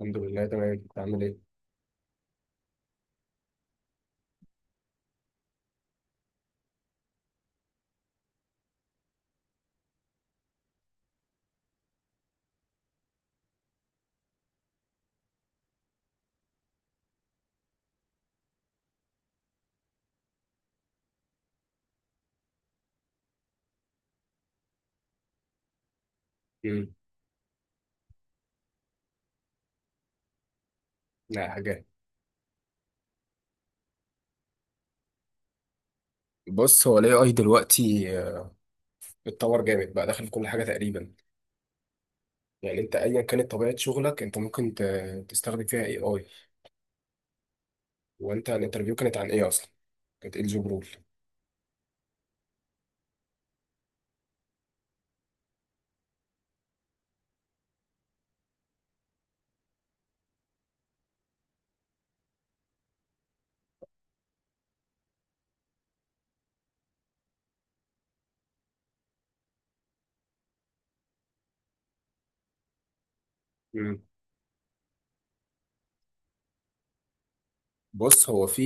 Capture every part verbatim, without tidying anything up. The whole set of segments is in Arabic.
الحمد لله، تمام. انت عامل ايه؟ امم لا حاجه. بص، هو الاي اي دلوقتي آه، اتطور جامد، بقى داخل في كل حاجه تقريبا. يعني انت ايا كانت طبيعه شغلك، انت ممكن ت- تستخدم فيها اي اي. وانت الانترفيو كانت عن ايه اصلا؟ كانت ايه الجوب رول؟ مم. بص هو في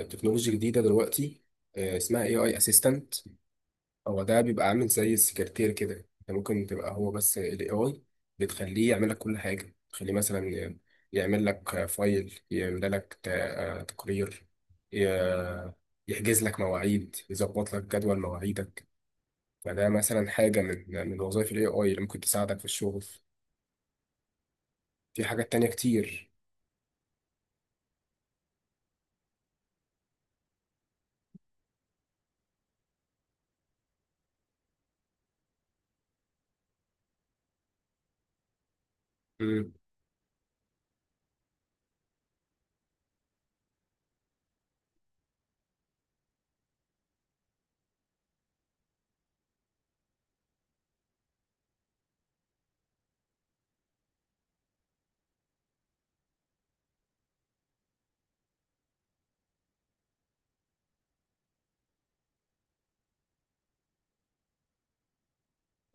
آه، تكنولوجيا جديده دلوقتي، آه، اسمها اي اي اسيستنت. هو ده بيبقى عامل زي السكرتير كده. انت ممكن تبقى هو، بس ال اي اي بتخليه يعمل لك كل حاجة. تخليه مثلا ي- يعمل لك فايل، يعمل لك ت- آه تقرير، ي- يحجز لك مواعيد، يظبط لك جدول مواعيدك. فده مثلا حاجة من من وظائف ال اي اي اللي ممكن تساعدك في الشغل. في حاجات تانية كتير. مم.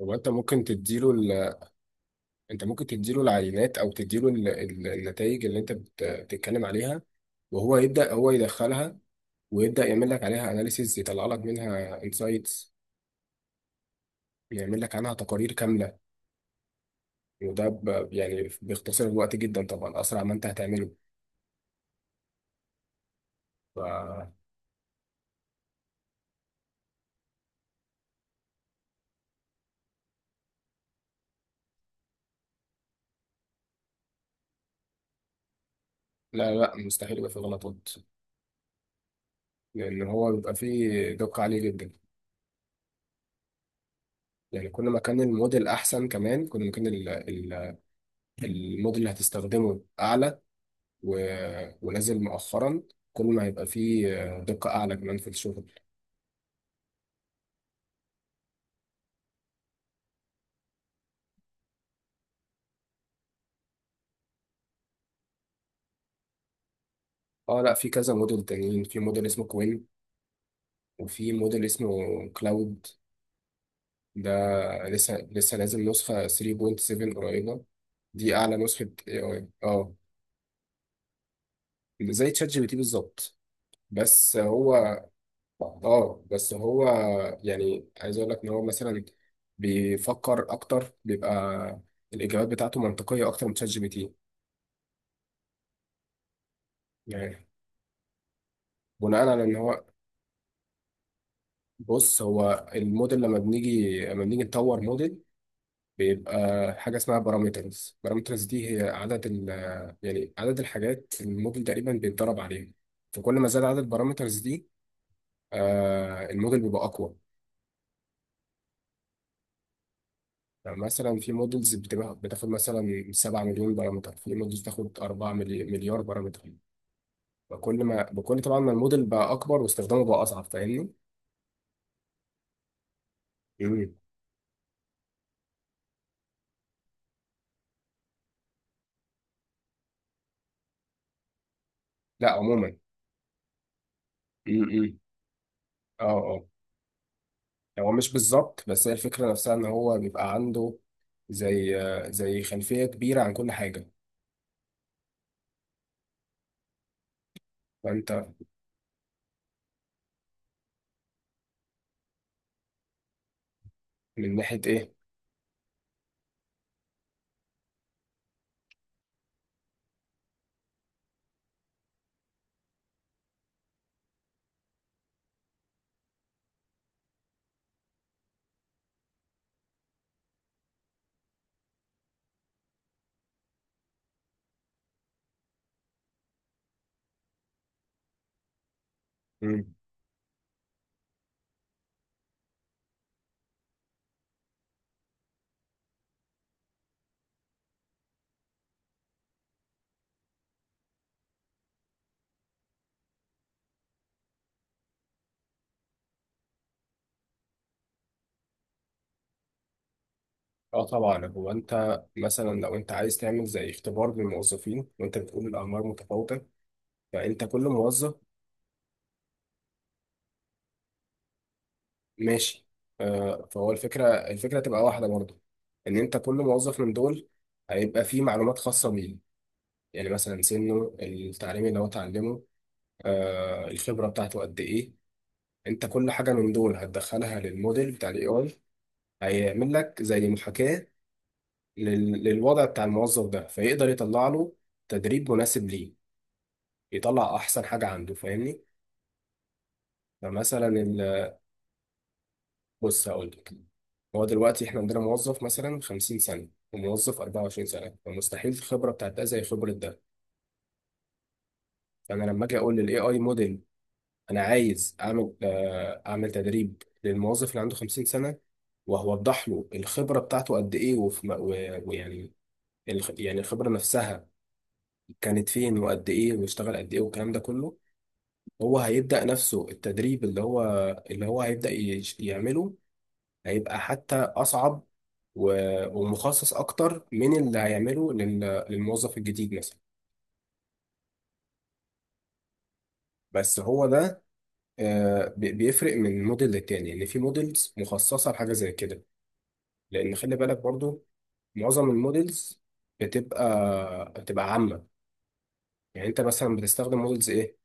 هو انت ممكن تديله ال... انت ممكن تديله العينات او تديله ال... ال- النتائج اللي انت بت... بتتكلم عليها. وهو يبدأ، هو يدخلها ويبدأ يعمل لك عليها اناليسيز، يطلع لك منها انسايتس، يعمل لك عنها تقارير كاملة. وده ب- يعني بيختصر الوقت جدا، طبعا أسرع ما أنت هتعمله. ف... لا لا، مستحيل يبقى فيه غلطات، لأن هو بيبقى فيه دقة عالية جدا. يعني كل ما كان الموديل أحسن كمان، كل ما كان ال... ال... الموديل اللي هتستخدمه أعلى و... ونازل مؤخرا، كل ما هيبقى فيه دقة أعلى كمان في الشغل. اه لا، في كذا موديل تانيين. في موديل اسمه كوين، وفي موديل اسمه كلاود. ده لسه لسه نازل نسخة ثلاثة نقطة سبعة قريبة. دي أعلى نسخة اي اي. اه، زي تشات جي بي تي بالظبط. بس هو اه بس هو يعني عايز أقول لك إن هو مثلا بيفكر أكتر، بيبقى الإجابات بتاعته منطقية أكتر من تشات جي بي تي. يعني بناء على إن هو. بص هو الموديل، لما بنيجي لما بنيجي نطور موديل، بيبقى حاجة اسمها بارامترز. بارامترز دي هي عدد ال. يعني عدد الحاجات الموديل تقريبا بيتدرب عليها. فكل ما زاد عدد البارامترز دي، آه الموديل بيبقى أقوى. يعني مثلا في موديلز بتبقى بتاخد مثلا سبع مليون بارامتر، في موديلز بتاخد اربع ملي- مليار بارامتر. فكل ما بكل، طبعا، ما الموديل بقى أكبر واستخدامه بقى أصعب، فاهمني؟ مم. لا، عموما. امم اه اه، يعني هو مش بالظبط، بس هي الفكرة نفسها إن هو بيبقى عنده زي آه، زي خلفية كبيرة عن كل حاجة. فانت. من ناحية ايه؟ مم. اه طبعا، هو انت مثلا لو انت عايز تعمل زي اختبار للموظفين، وانت بتقول الاعمار متفاوتة، فانت كل موظف. ماشي. آه فهو الفكرة الفكرة تبقى واحدة برضه. ان انت كل موظف من دول هيبقى فيه معلومات خاصة بيه. يعني مثلا سنه التعليم اللي هو اتعلمه، آه الخبرة بتاعته قد ايه. انت كل حاجة من دول هتدخلها للموديل بتاع الاي اي. هيعمل لك زي محاكاة لل- للوضع بتاع الموظف ده، فيقدر يطلع له تدريب مناسب ليه، يطلع احسن حاجه عنده، فاهمني. فمثلا ال- بص هقول لك. هو دلوقتي احنا عندنا موظف مثلا خمسين سنه، وموظف اربعة وعشرين سنه، فمستحيل الخبره بتاعت ده زي خبره ده. فانا لما اجي اقول للاي اي موديل انا عايز اعمل آه، اعمل تدريب للموظف اللي عنده خمسين سنه، وهوضح له الخبره بتاعته قد ايه، وفي م- و- ويعني الخ- يعني الخبره نفسها كانت فين، وقد ايه، واشتغل قد ايه، والكلام ده كله. هو هيبدأ نفسه التدريب اللي هو. اللي هو هيبدأ يش- يعمله. هيبقى حتى أصعب و- ومخصص أكتر من اللي هيعمله لل- للموظف الجديد مثلا. بس هو ده. آه، بي- بيفرق من موديل للتاني. يعني في موديلز مخصصة لحاجة زي كده، لأن خلي بالك برضو معظم الموديلز بتبقى بتبقى عامة. يعني أنت مثلا بتستخدم موديلز إيه؟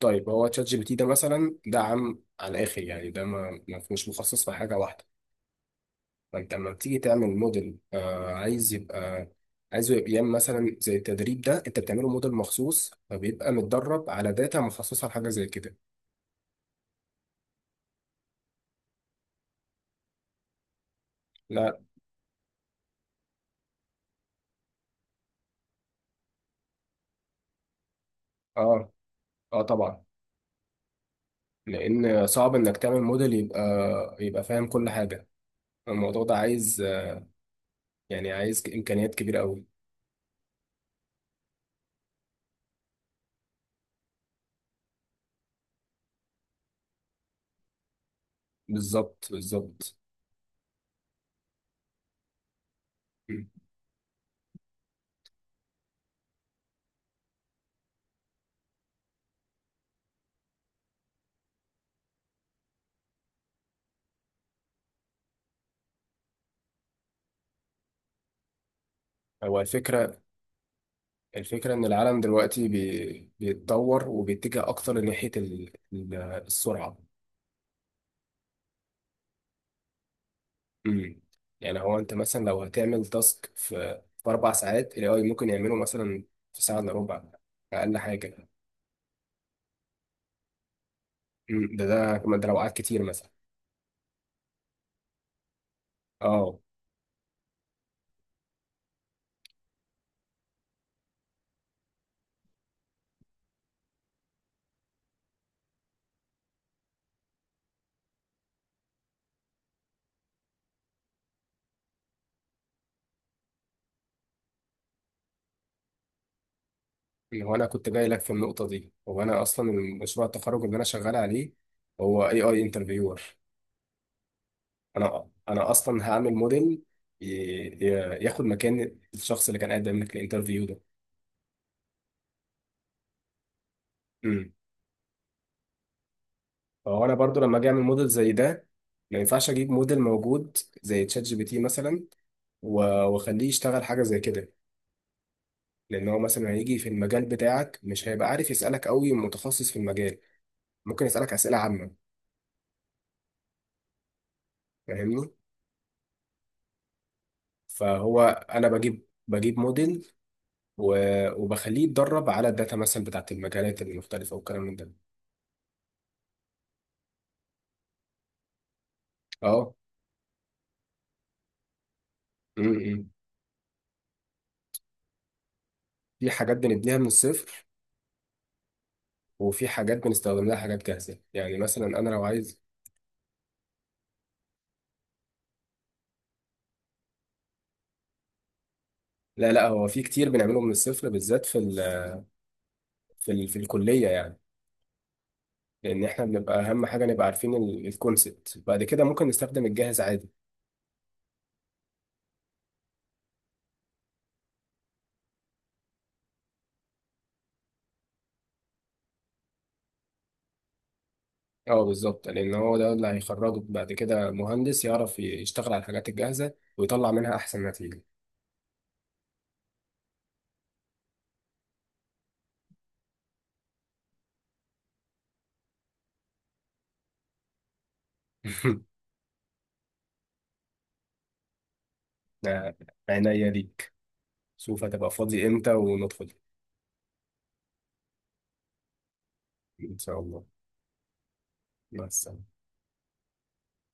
طيب، هو تشات جي بي تي ده مثلا ده عام على الآخر. يعني ده ما ما- مش مخصص في حاجة واحدة. فانت لما بتيجي تعمل موديل آه عايز يبقى، عايزه يبقى يعمل مثلا زي التدريب ده، انت بتعمله موديل مخصوص، فبيبقى متدرب على داتا مخصصه لحاجه زي كده. لا. اه اه طبعا. لان صعب انك تعمل موديل يبقى، يبقى فاهم كل حاجه. الموضوع ده عايز آه، يعني عايز امكانيات كبيره قوي. بالظبط بالظبط. م. هو الفكره، الفكره ان العالم دلوقتي بي... بيتطور وبيتجه اكتر ناحيه ال... ال- السرعه. امم يعني هو انت مثلا لو هتعمل تاسك في في اربع ساعات، الاي اي ممكن يعمله مثلا في ساعه الا ربع، اقل حاجه. امم ده ده كمان، ده لو قعد كتير مثلا. اه، هو انا كنت جاي لك في النقطه دي. هو انا اصلا مشروع التخرج اللي انا شغال عليه هو اي اي انترفيور. انا انا اصلا هعمل موديل ي- ي- ياخد مكان الشخص اللي كان قدم لك الانترفيو ده. امم. فهو انا برضو لما اجي اعمل موديل زي ده، ما ينفعش اجيب موديل موجود زي تشات جي بي تي مثلا و- واخليه يشتغل حاجة زي كده. لأن هو مثلا هيجي في المجال بتاعك مش هيبقى عارف يسألك قوي متخصص في المجال. ممكن يسألك أسئلة عامة، فاهمني. فهو أنا بجيب بجيب موديل و- وبخليه يتدرب على الداتا مثلا بتاعت المجالات المختلفة والكلام من ده. اه. م- م. في حاجات بنبنيها من الصفر، وفي حاجات بنستخدم لها حاجات جاهزة. يعني مثلا أنا لو عايز. لا لا، هو في كتير بنعمله من الصفر، بالذات في ال... في ال... في الكلية يعني. لان احنا بنبقى اهم حاجه نبقى عارفين الكونسبت. بعد كده ممكن نستخدم الجاهز عادي. اه بالظبط، لان هو ده اللي هيخرجك بعد كده مهندس يعرف يشتغل على الحاجات الجاهزه ويطلع منها احسن نتيجه. ده عينيا ليك. شوف هتبقى فاضي امتى وندخل. ان شاء الله. مع السلامه.